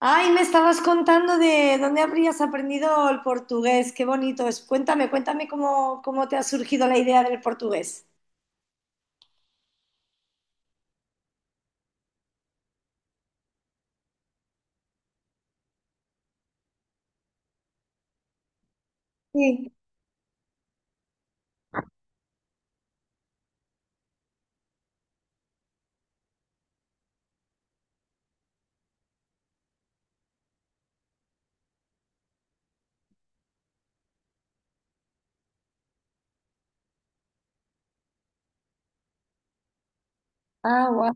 Ay, me estabas contando de dónde habrías aprendido el portugués. Qué bonito es. Cuéntame cómo te ha surgido la idea del portugués. Sí. Ah, guau.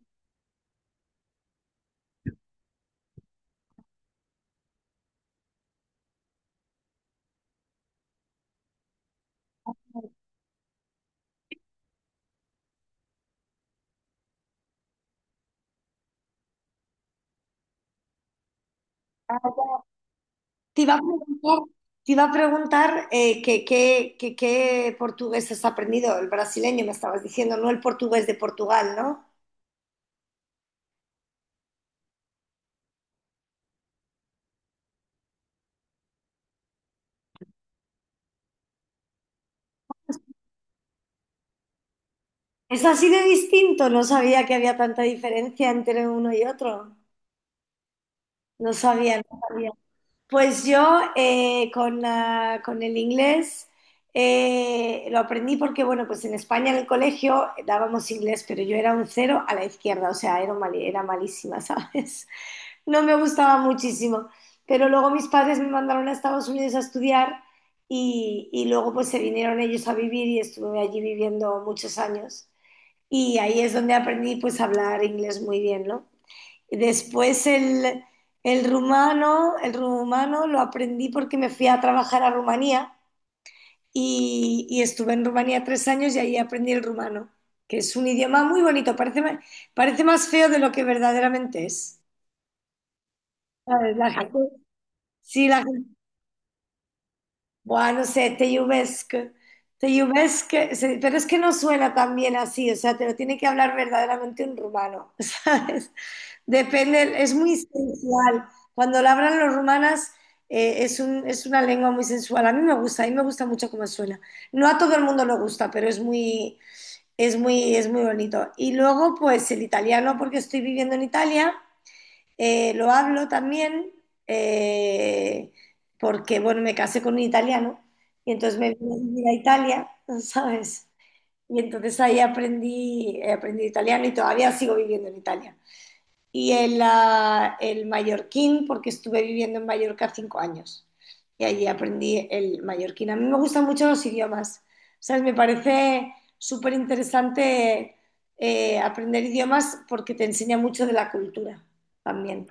Ah, ya. Te iba a preguntar, te iba a preguntar qué portugués has aprendido. El brasileño me estabas diciendo, no el portugués de Portugal, ¿no? Es así de distinto. No sabía que había tanta diferencia entre uno y otro. No sabía, no sabía. Pues yo con el inglés lo aprendí porque, bueno, pues en España en el colegio dábamos inglés, pero yo era un cero a la izquierda, o sea, era malísima, ¿sabes? No me gustaba muchísimo. Pero luego mis padres me mandaron a Estados Unidos a estudiar y luego pues se vinieron ellos a vivir y estuve allí viviendo muchos años. Y ahí es donde aprendí pues a hablar inglés muy bien, ¿no? Y después el rumano, el rumano lo aprendí porque me fui a trabajar a Rumanía y estuve en Rumanía 3 años y ahí aprendí el rumano, que es un idioma muy bonito, parece más feo de lo que verdaderamente es. ¿Sabes? La gente, sí, la Buah, no sé, te lluvesc. Te lluvesc, pero es que no suena tan bien así, o sea, te lo tiene que hablar verdaderamente un rumano, ¿sabes? Depende, es muy sensual. Cuando lo hablan los rumanas, es una lengua muy sensual. A mí me gusta, a mí me gusta mucho cómo suena. No a todo el mundo le gusta, pero es muy bonito. Y luego, pues el italiano, porque estoy viviendo en Italia. Lo hablo también eh, porque, bueno, me casé con un italiano y entonces me vine a vivir a Italia, ¿sabes? Y entonces ahí aprendí italiano y todavía sigo viviendo en Italia. Y el mallorquín, porque estuve viviendo en Mallorca 5 años y allí aprendí el mallorquín. A mí me gustan mucho los idiomas, ¿sabes? Me parece súper interesante aprender idiomas porque te enseña mucho de la cultura también.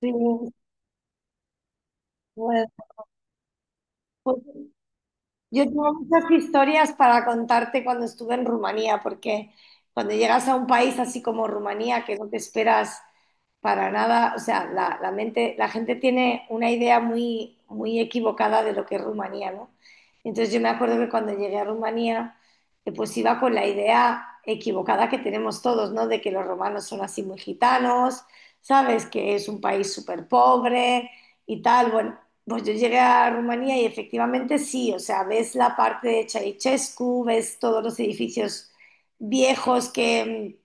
Sí, pues, pues, yo tengo muchas historias para contarte cuando estuve en Rumanía, porque cuando llegas a un país así como Rumanía, que no te esperas para nada, o sea, la gente tiene una idea muy, muy equivocada de lo que es Rumanía, ¿no? Entonces yo me acuerdo que cuando llegué a Rumanía, pues iba con la idea equivocada que tenemos todos, ¿no? De que los romanos son así muy gitanos, ¿sabes? Que es un país súper pobre y tal. Bueno, pues yo llegué a Rumanía y efectivamente sí, o sea, ves la parte de Ceausescu, ves todos los edificios viejos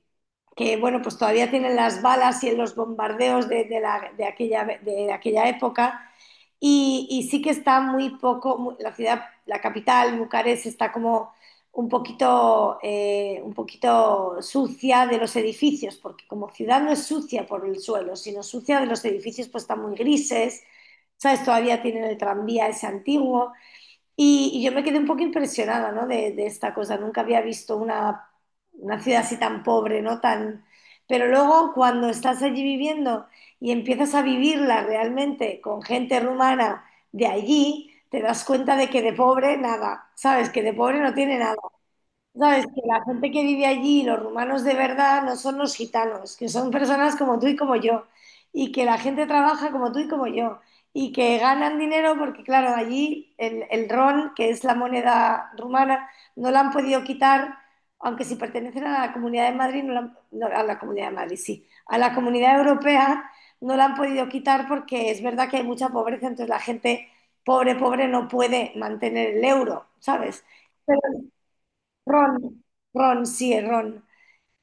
que bueno, pues todavía tienen las balas y los bombardeos de de aquella época, y sí que está la ciudad, la capital, Bucarest, está como un poquito sucia de los edificios, porque como ciudad no es sucia por el suelo, sino sucia de los edificios, pues están muy grises, ¿sabes? Todavía tienen el tranvía ese antiguo. Y yo me quedé un poco impresionada, ¿no? De esta cosa. Nunca había visto una ciudad así tan pobre, ¿no? Tan... Pero luego cuando estás allí viviendo y empiezas a vivirla realmente con gente rumana de allí, te das cuenta de que de pobre nada, ¿sabes? Que de pobre no tiene nada. Sabes que la gente que vive allí, los rumanos de verdad, no son los gitanos, que son personas como tú y como yo, y que la gente trabaja como tú y como yo, y que ganan dinero porque, claro, allí el ron, que es la moneda rumana, no la han podido quitar, aunque si pertenecen a la Comunidad de Madrid, no la han- no, a la Comunidad de Madrid, sí, a la Comunidad Europea no la han podido quitar porque es verdad que hay mucha pobreza, entonces la gente pobre, pobre no puede mantener el euro, ¿sabes? Ron, ron, sí, el ron.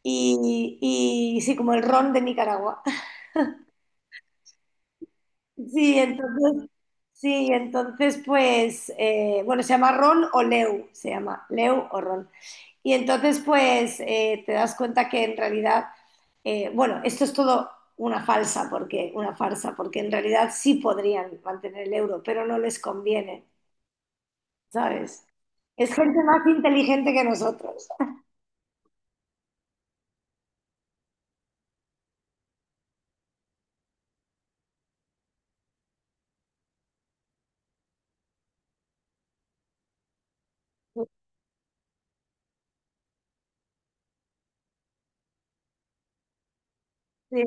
Y sí, como el ron de Nicaragua. Sí, entonces, sí, entonces pues, bueno, se llama ron o leu, se llama leu o ron. Y entonces pues te das cuenta que en realidad, bueno, esto es todo una farsa, porque en realidad sí podrían mantener el euro, pero no les conviene, ¿sabes? Es gente más inteligente que nosotros. Sí.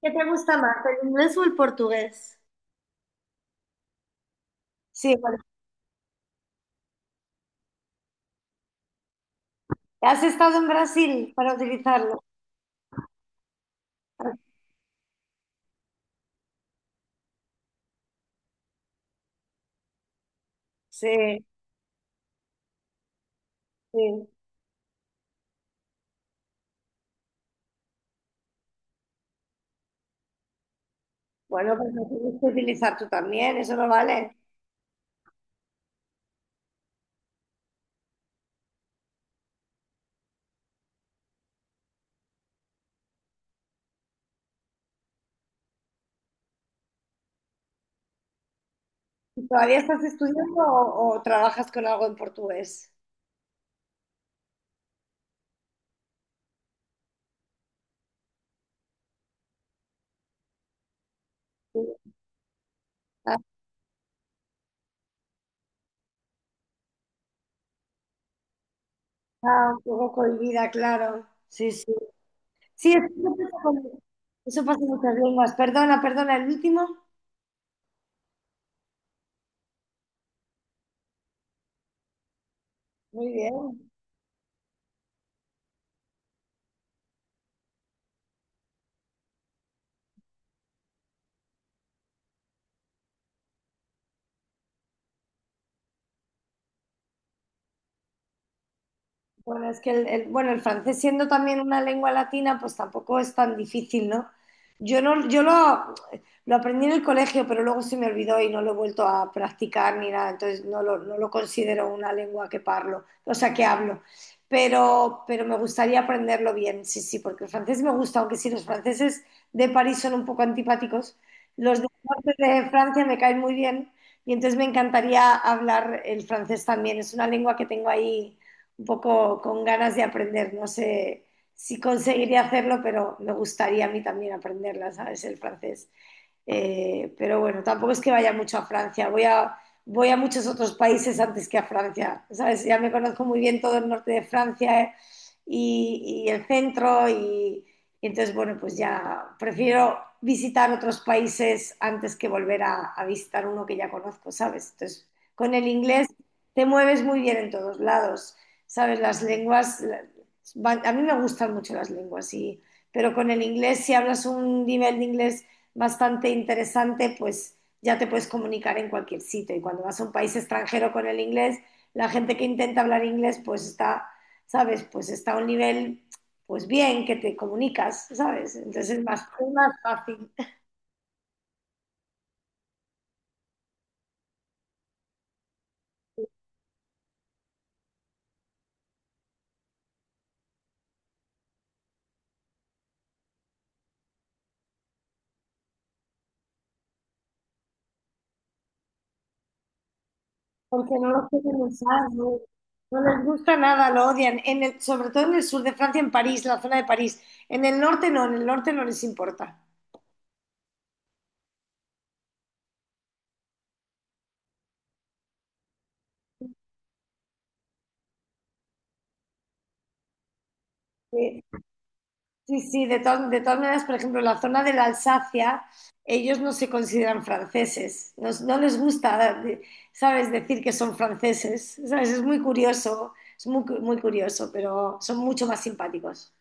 ¿Qué te gusta más, el inglés o el portugués? Sí, bueno, has estado en Brasil para utilizarlo. Sí, sí. Bueno, pues lo tienes que utilizar tú también, eso no vale. ¿Y todavía estás estudiando o trabajas con algo en portugués? Sí. Ah, ah, un poco cohibida, claro. Sí, sí. Sí, eso pasa eso pasa en muchas lenguas. Perdona, perdona, el último. Muy bien. Bueno, es que bueno, el francés siendo también una lengua latina, pues tampoco es tan difícil, ¿no? Yo lo aprendí en el colegio, pero luego se me olvidó y no lo he vuelto a practicar ni nada, entonces no lo considero una lengua que parlo, o sea, que hablo. Pero me gustaría aprenderlo bien, sí, sí, porque el francés me gusta, aunque sí, los franceses de París son un poco antipáticos, los del norte de Francia me caen muy bien y entonces me encantaría hablar el francés también, es una lengua que tengo ahí un poco con ganas de aprender. No sé si conseguiría hacerlo, pero me gustaría a mí también aprenderla, ¿sabes? El francés. Pero bueno, tampoco es que vaya mucho a Francia, voy a muchos otros países antes que a Francia, ¿sabes? Ya me conozco muy bien todo el norte de Francia el centro entonces, bueno, pues ya prefiero visitar otros países antes que volver a visitar uno que ya conozco, ¿sabes? Entonces, con el inglés te mueves muy bien en todos lados, ¿sabes? Las lenguas, a mí me gustan mucho las lenguas, y, pero con el inglés, si hablas un nivel de inglés bastante interesante, pues ya te puedes comunicar en cualquier sitio. Y cuando vas a un país extranjero con el inglés, la gente que intenta hablar inglés, pues está, ¿sabes? Pues está a un nivel, pues bien, que te comunicas, ¿sabes? Entonces es más fácil, porque no lo quieren usar, no. No les gusta nada, lo odian. Sobre todo en el sur de Francia, en París, la zona de París. En el norte no, en el norte no les importa. Sí. Sí, sí, de todas maneras, por ejemplo, la zona de la Alsacia, ellos no se consideran franceses, no, no les gusta, ¿sabes?, decir que son franceses, ¿sabes? Es muy curioso, es muy, muy curioso, pero son mucho más simpáticos.